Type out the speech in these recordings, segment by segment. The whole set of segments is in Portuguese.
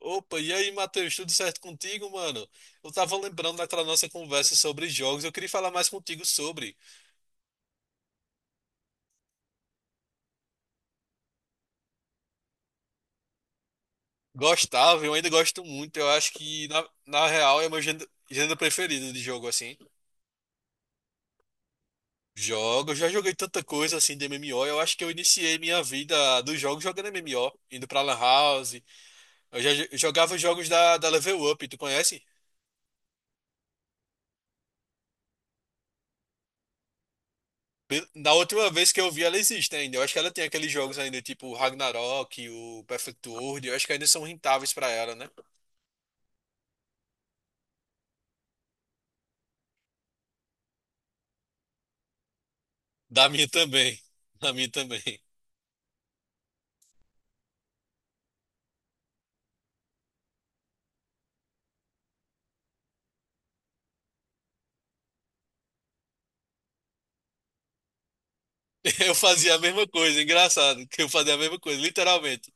Opa, e aí, Matheus, tudo certo contigo, mano? Eu tava lembrando daquela nossa conversa sobre jogos, eu queria falar mais contigo sobre. Gostava, eu ainda gosto muito, eu acho que, na real, é meu gênero preferido de jogo, assim. Jogo, eu já joguei tanta coisa, assim, de MMO, eu acho que eu iniciei minha vida dos jogos jogando MMO, indo pra Lan House, eu já jogava os jogos da Level Up, tu conhece? Da última vez que eu vi, ela existe ainda. Eu acho que ela tem aqueles jogos ainda, tipo o Ragnarok, o Perfect World. Eu acho que ainda são rentáveis pra ela, né? Da minha também. Da minha também. Eu fazia a mesma coisa, engraçado, que eu fazia a mesma coisa, literalmente.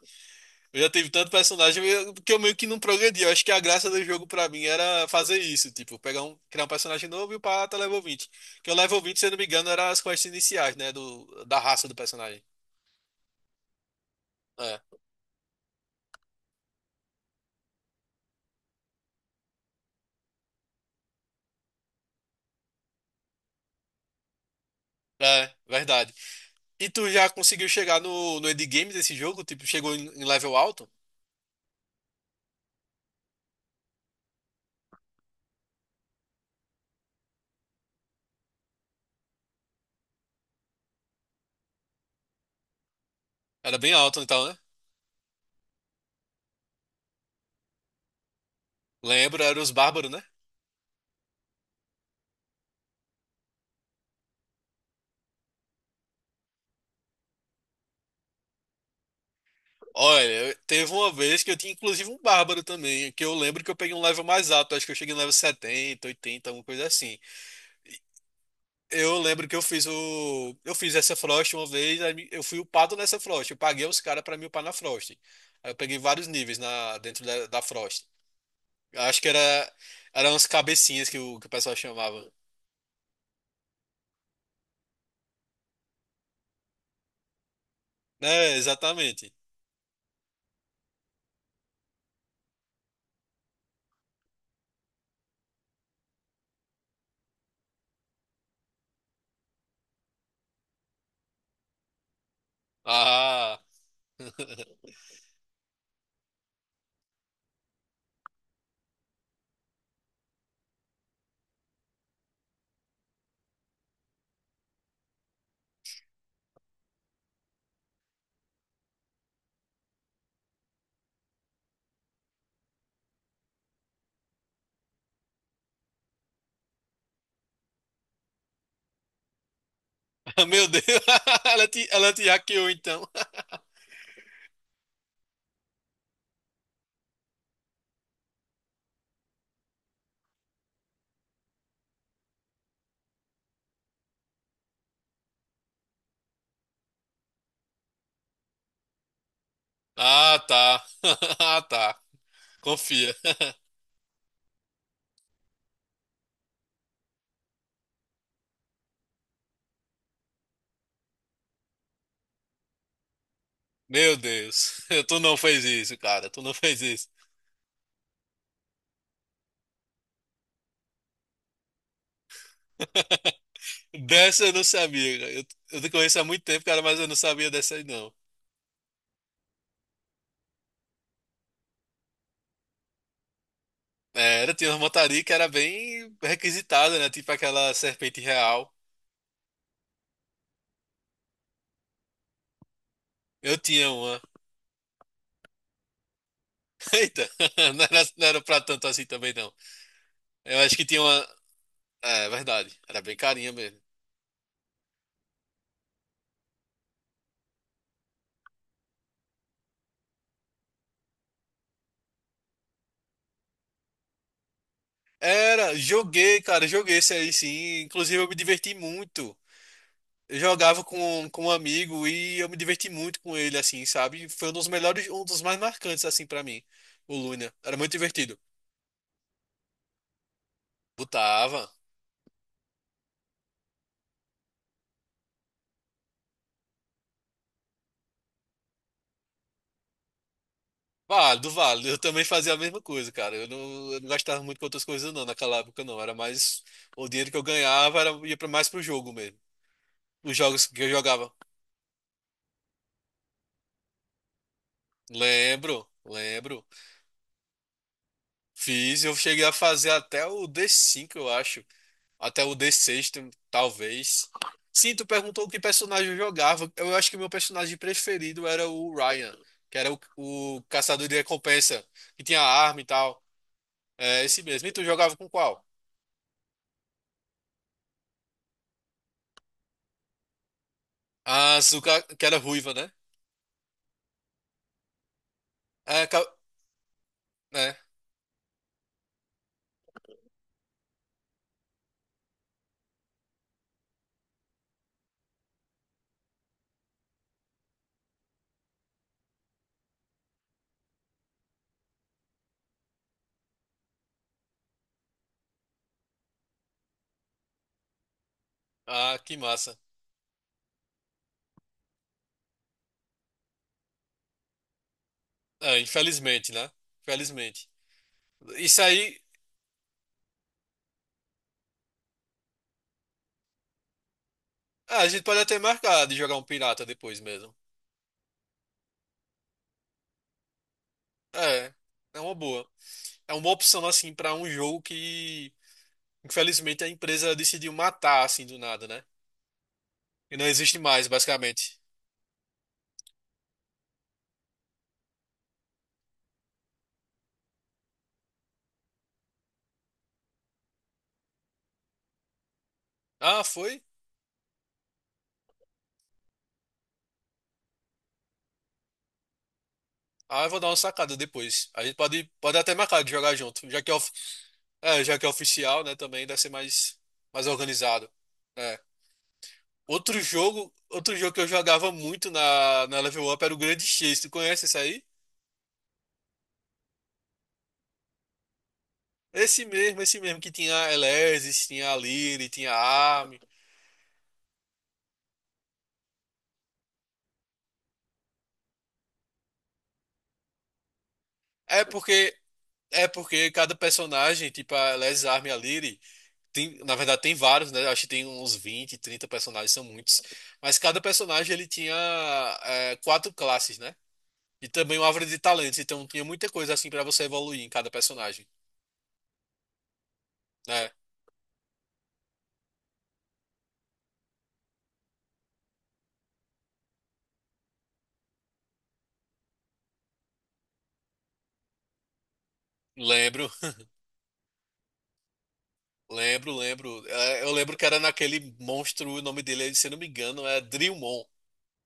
Eu já tive tanto que eu meio que não progredi. Eu acho que a graça do jogo pra mim era fazer isso, tipo, criar um personagem novo e o pata level 20. Que o level 20, se eu não me engano, era as quests iniciais, né, da raça do personagem. É, é, verdade. E tu já conseguiu chegar no endgame desse jogo? Tipo, chegou em level alto? Era bem alto então, né? Lembro, era os bárbaros, né? Olha, teve uma vez que eu tinha inclusive um bárbaro também, que eu lembro que eu peguei um level mais alto, acho que eu cheguei no level 70, 80, alguma coisa assim. Eu lembro que eu fiz essa Frost uma vez, aí eu fui upado nessa Frost, eu paguei os caras pra me upar na Frost. Aí eu peguei vários níveis na dentro da Frost. Eu acho que era eram as cabecinhas que o pessoal chamava. É, exatamente. Ah, meu Deus, ela te hackeou então. Ah, tá. Ah, tá. Confia. Meu Deus, tu não fez isso, cara. Tu não fez isso. Dessa eu não sabia, cara. Eu te conheço há muito tempo, cara, mas eu não sabia dessa aí, não. É, era, tinha uma montaria que era bem requisitada, né? Tipo aquela serpente real. Eu tinha uma. Eita, não era, não era pra tanto assim também, não. Eu acho que tinha uma. É, verdade. Era bem carinha mesmo. Era, joguei, cara, joguei esse aí sim. Inclusive eu me diverti muito. Eu jogava com um amigo e eu me diverti muito com ele, assim, sabe? Foi um dos melhores, um dos mais marcantes, assim, pra mim, o Luna. Era muito divertido. Botava. Válido, válido. Eu também fazia a mesma coisa, cara. Eu não gastava muito com outras coisas, não, naquela época, não. Era mais. O dinheiro que eu ganhava era, ia pra, mais pro jogo mesmo. Os jogos que eu jogava. Lembro, lembro. Fiz, eu cheguei a fazer até o d cinco eu acho. Até o D6, talvez. Sim, tu perguntou que personagem eu jogava. Eu acho que meu personagem preferido era o Ryan, que era o caçador de recompensa, que tinha arma e tal. É esse mesmo. E tu jogava com qual? A Azuka, que era ruiva, né? É, ca- né? Ah, que massa. É, infelizmente, né? Infelizmente. Isso aí, ah, a gente pode até marcar de jogar um pirata depois mesmo. É, é uma boa. É uma opção, assim, pra um jogo que infelizmente, a empresa decidiu matar assim do nada, né? E não existe mais, basicamente. Ah, foi? Ah, eu vou dar uma sacada depois. A gente pode, pode até marcar de jogar junto, já que é, já que é oficial, né? Também deve ser mais, mais organizado. É. Outro jogo que eu jogava muito na Level Up era o Grande Chase. Tu conhece esse aí? Esse mesmo que tinha Elesis, tinha a Liri, tinha a Armin. É porque é porque cada personagem, tipo a Elesis, a Armin e a Liri. Tem, na verdade, tem vários, né? Acho que tem uns 20 30 personagens, são muitos. Mas cada personagem ele tinha quatro classes, né? E também uma árvore de talentos, então tinha muita coisa assim pra você evoluir em cada personagem, né? Lembro, lembro, lembro. É, eu lembro que era naquele monstro, o nome dele, se eu não me engano, é Drillmon,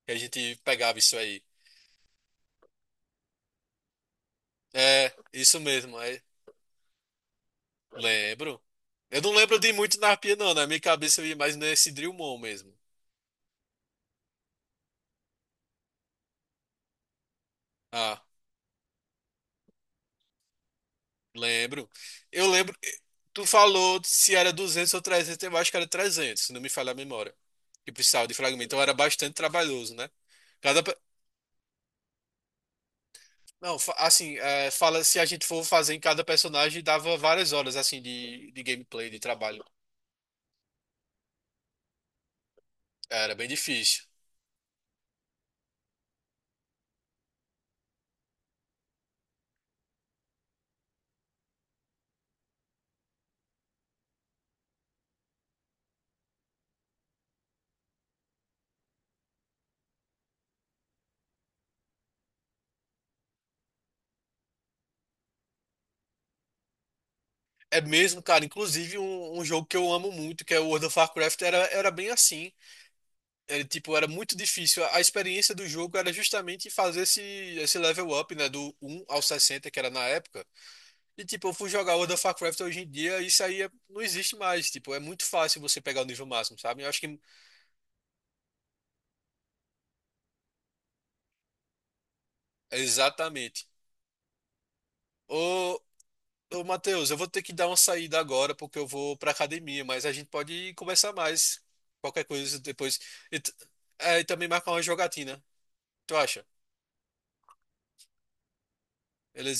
que a gente pegava isso aí. É, isso mesmo, é, lembro. Eu não lembro de muito na arpia, não, né? Na minha cabeça eu ia mais nesse Drillmon mesmo. Ah, lembro. Eu lembro. Tu falou se era 200 ou 300, eu acho que era 300 se não me falha a memória. Que precisava de fragmento. Então era bastante trabalhoso, né? Cada. Pe- Não, assim, é, fala se a gente for fazer em cada personagem, dava várias horas, assim, de gameplay, de trabalho. Era bem difícil. É mesmo, cara. Inclusive, um jogo que eu amo muito, que é o World of Warcraft, era bem assim. Ele, tipo, era muito difícil. A experiência do jogo era justamente fazer esse level up, né? Do um ao 60 que era na época. E tipo, eu fui jogar World of Warcraft hoje em dia, isso aí não existe mais. Tipo, é muito fácil você pegar o nível máximo, sabe? Eu acho que. Exatamente. Ô, ô Matheus, eu vou ter que dar uma saída agora, porque eu vou pra academia, mas a gente pode conversar mais. Qualquer coisa depois. E, t- e, também marcar uma jogatina. Tu acha? Beleza?